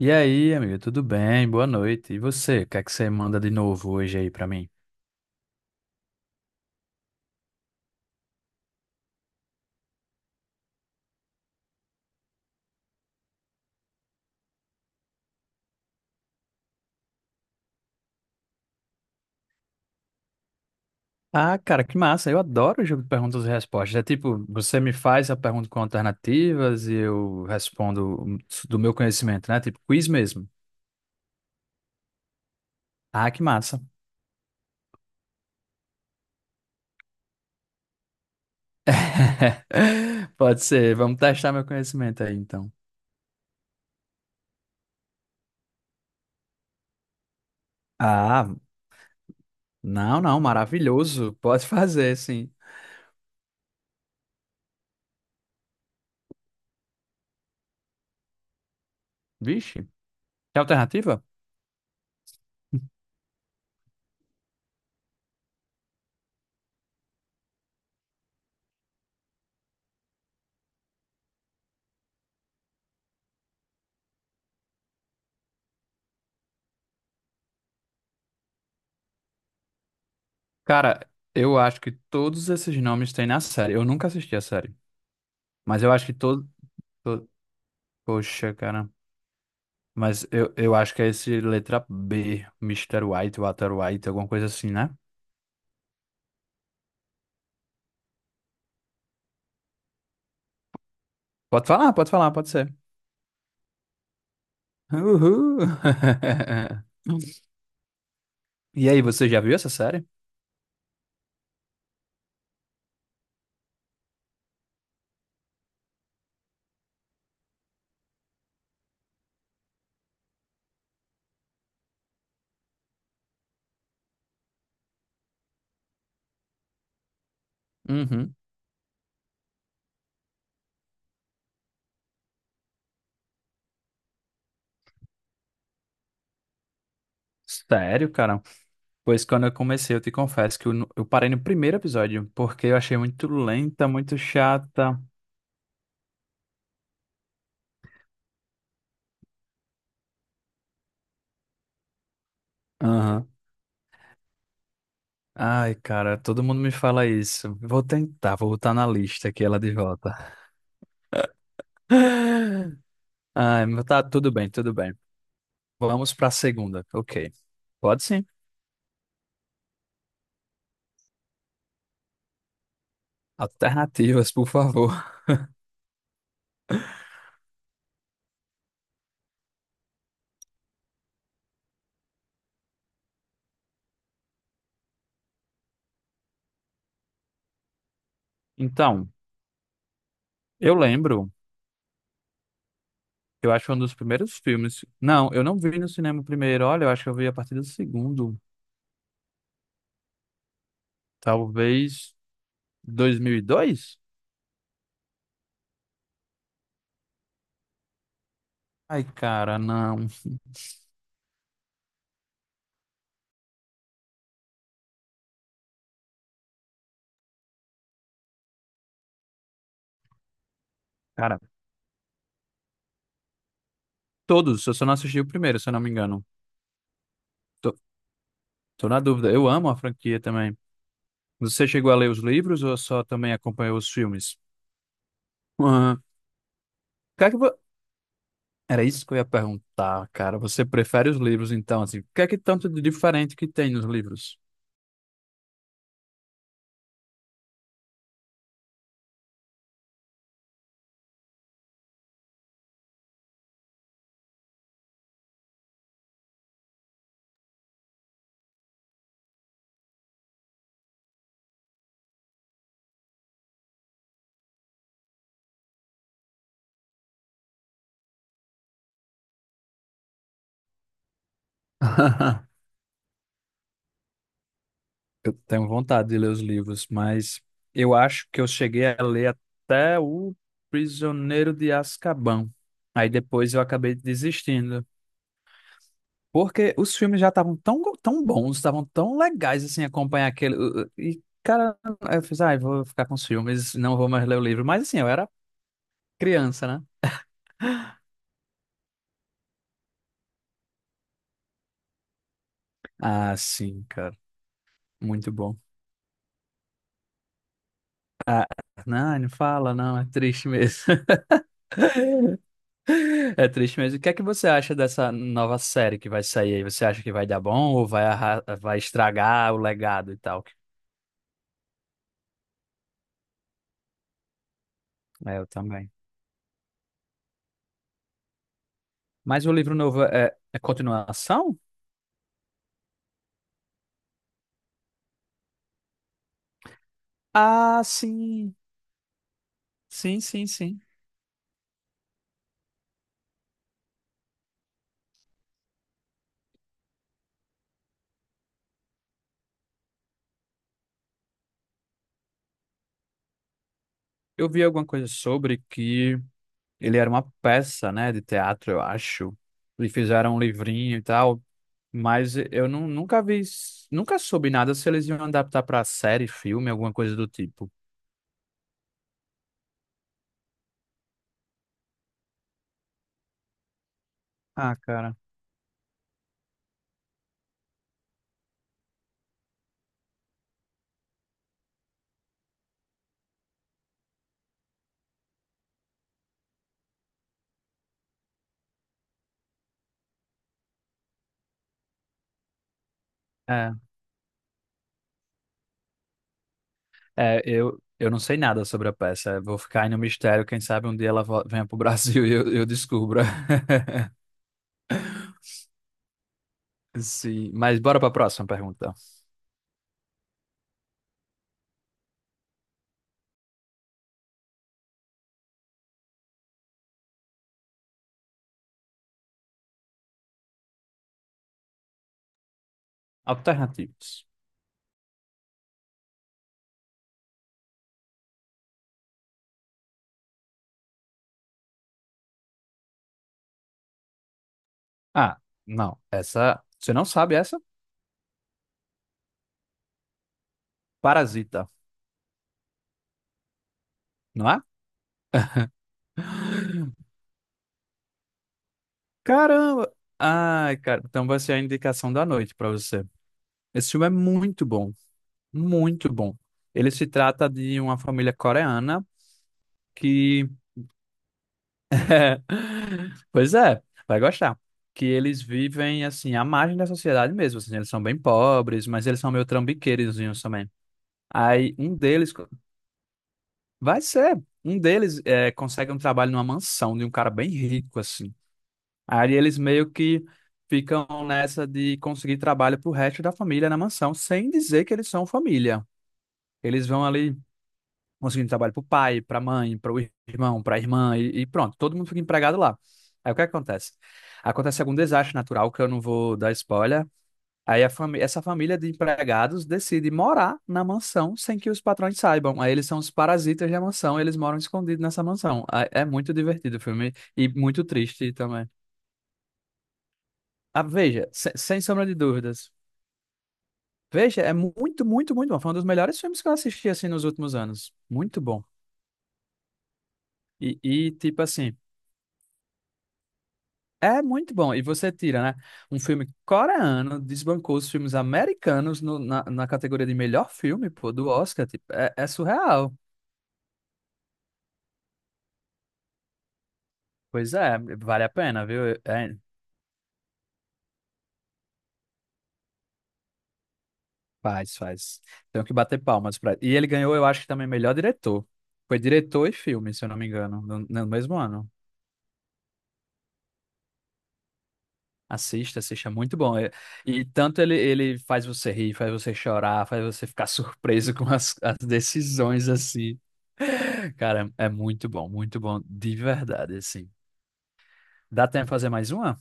E aí, amigo, tudo bem? Boa noite. E você? O que é que você manda de novo hoje aí pra mim? Ah, cara, que massa. Eu adoro o jogo de perguntas e respostas. É tipo, você me faz a pergunta com alternativas e eu respondo do meu conhecimento, né? Tipo, quiz mesmo. Ah, que massa. Pode ser. Vamos testar meu conhecimento aí, então. Ah, não, não, maravilhoso. Pode fazer, sim. Vixe, tem alternativa? Cara, eu acho que todos esses nomes têm na série. Eu nunca assisti a série. Mas eu acho que todo. to- Poxa, cara. Mas eu acho que é esse letra B, Mister White, Walter White, alguma coisa assim, né? Pode falar, pode falar, pode ser. Uhul! E aí, você já viu essa série? Uhum. Sério, cara? Pois quando eu comecei, eu te confesso que eu parei no primeiro episódio, porque eu achei muito lenta, muito chata. Aham. Ai, cara, todo mundo me fala isso. Vou tentar, vou botar na lista aqui ela de volta. Ai, mas tá tudo bem, tudo bem. Vamos pra segunda. Ok. Pode sim. Alternativas, por favor. Então, eu lembro, eu acho que um dos primeiros filmes. Não, eu não vi no cinema o primeiro. Olha, eu acho que eu vi a partir do segundo. Talvez 2002. Ai, cara, não. Cara, todos. Eu só não assisti o primeiro, se eu não me engano. Tô, Tô na dúvida. Eu amo a franquia também. Você chegou a ler os livros ou só também acompanhou os filmes? Aham. O que é que vo- Era isso que eu ia perguntar, cara. Você prefere os livros, então, assim? O que é que tanto de diferente que tem nos livros? Eu tenho vontade de ler os livros, mas eu acho que eu cheguei a ler até o Prisioneiro de Azkaban. Aí depois eu acabei desistindo. Porque os filmes já estavam tão bons, estavam tão legais assim, acompanhar aquele. E, cara, eu fiz, ai, vou ficar com os filmes, não vou mais ler o livro. Mas assim, eu era criança, né? Ah, sim, cara. Muito bom. Não, não fala, não, é triste mesmo. É triste mesmo. O que é que você acha dessa nova série que vai sair aí? Você acha que vai dar bom ou vai estragar o legado e tal? É, eu também. Mas o livro novo é continuação? Ah, sim. Sim, sim, sim. Eu vi alguma coisa sobre que ele era uma peça, né, de teatro, eu acho. E fizeram um livrinho e tal, mas nunca vi, nunca soube nada se eles iam adaptar para série, filme, alguma coisa do tipo. Ah, cara. É, eu não sei nada sobre a peça. Eu vou ficar aí no mistério. Quem sabe um dia venha pro Brasil e eu descubra. Sim, mas bora para a próxima pergunta. Alternativas. Ah, não. Essa, você não sabe essa? Parasita, não é? Caramba! Ai, cara, então vai ser a indicação da noite pra você. Esse filme é muito bom, muito bom. Ele se trata de uma família coreana que, pois é, vai gostar. Que eles vivem assim à margem da sociedade mesmo. Assim, eles são bem pobres, mas eles são meio trambiqueirozinhos também. Aí um deles co- vai ser, um deles consegue um trabalho numa mansão de um cara bem rico assim. Aí eles meio que ficam nessa de conseguir trabalho pro resto da família na mansão, sem dizer que eles são família. Eles vão ali conseguindo trabalho pro pai, pra mãe, para o irmão, pra irmã, e pronto, todo mundo fica empregado lá. Aí o que acontece? Acontece algum desastre natural, que eu não vou dar spoiler. Essa família de empregados decide morar na mansão sem que os patrões saibam. Aí eles são os parasitas da mansão, eles moram escondidos nessa mansão. Aí é muito divertido o filme e muito triste também. Ah, veja, sem sombra de dúvidas. Veja, é muito, muito, muito bom. Foi um dos melhores filmes que eu assisti, assim, nos últimos anos. Muito bom. Tipo assim, é muito bom. E você tira, né? Um filme coreano desbancou os filmes americanos na, na categoria de melhor filme, pô, do Oscar. Tipo, é surreal. Pois é, vale a pena, viu? É, faz, faz. Tenho que bater palmas pra... E ele ganhou, eu acho que também melhor diretor. Foi diretor e filme, se eu não me engano, no mesmo ano. Assista, assista, é muito bom. É. E tanto ele, ele faz você rir, faz você chorar, faz você ficar surpreso com as decisões, assim. Cara, é muito bom, de verdade, assim. Dá tempo de fazer mais uma?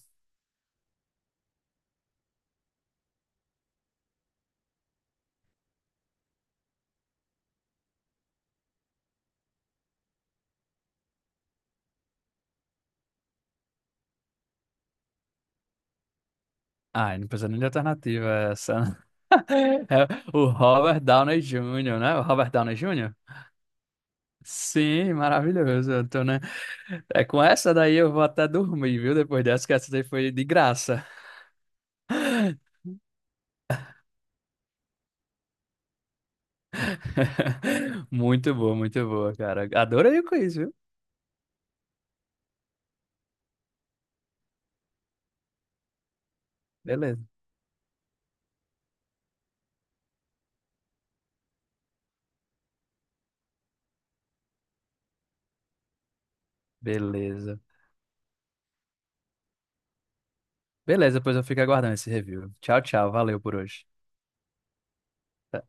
Ah, não precisa nem de alternativa essa. É o Robert Downey Jr., né? O Robert Downey Jr.? Sim, maravilhoso. Então, né? É com essa daí eu vou até dormir, viu? Depois dessa, que essa daí foi de graça. Muito boa, cara. Adorei o quiz, viu? Beleza. Beleza. Beleza, pois eu fico aguardando esse review. Tchau, tchau. Valeu por hoje. Tá.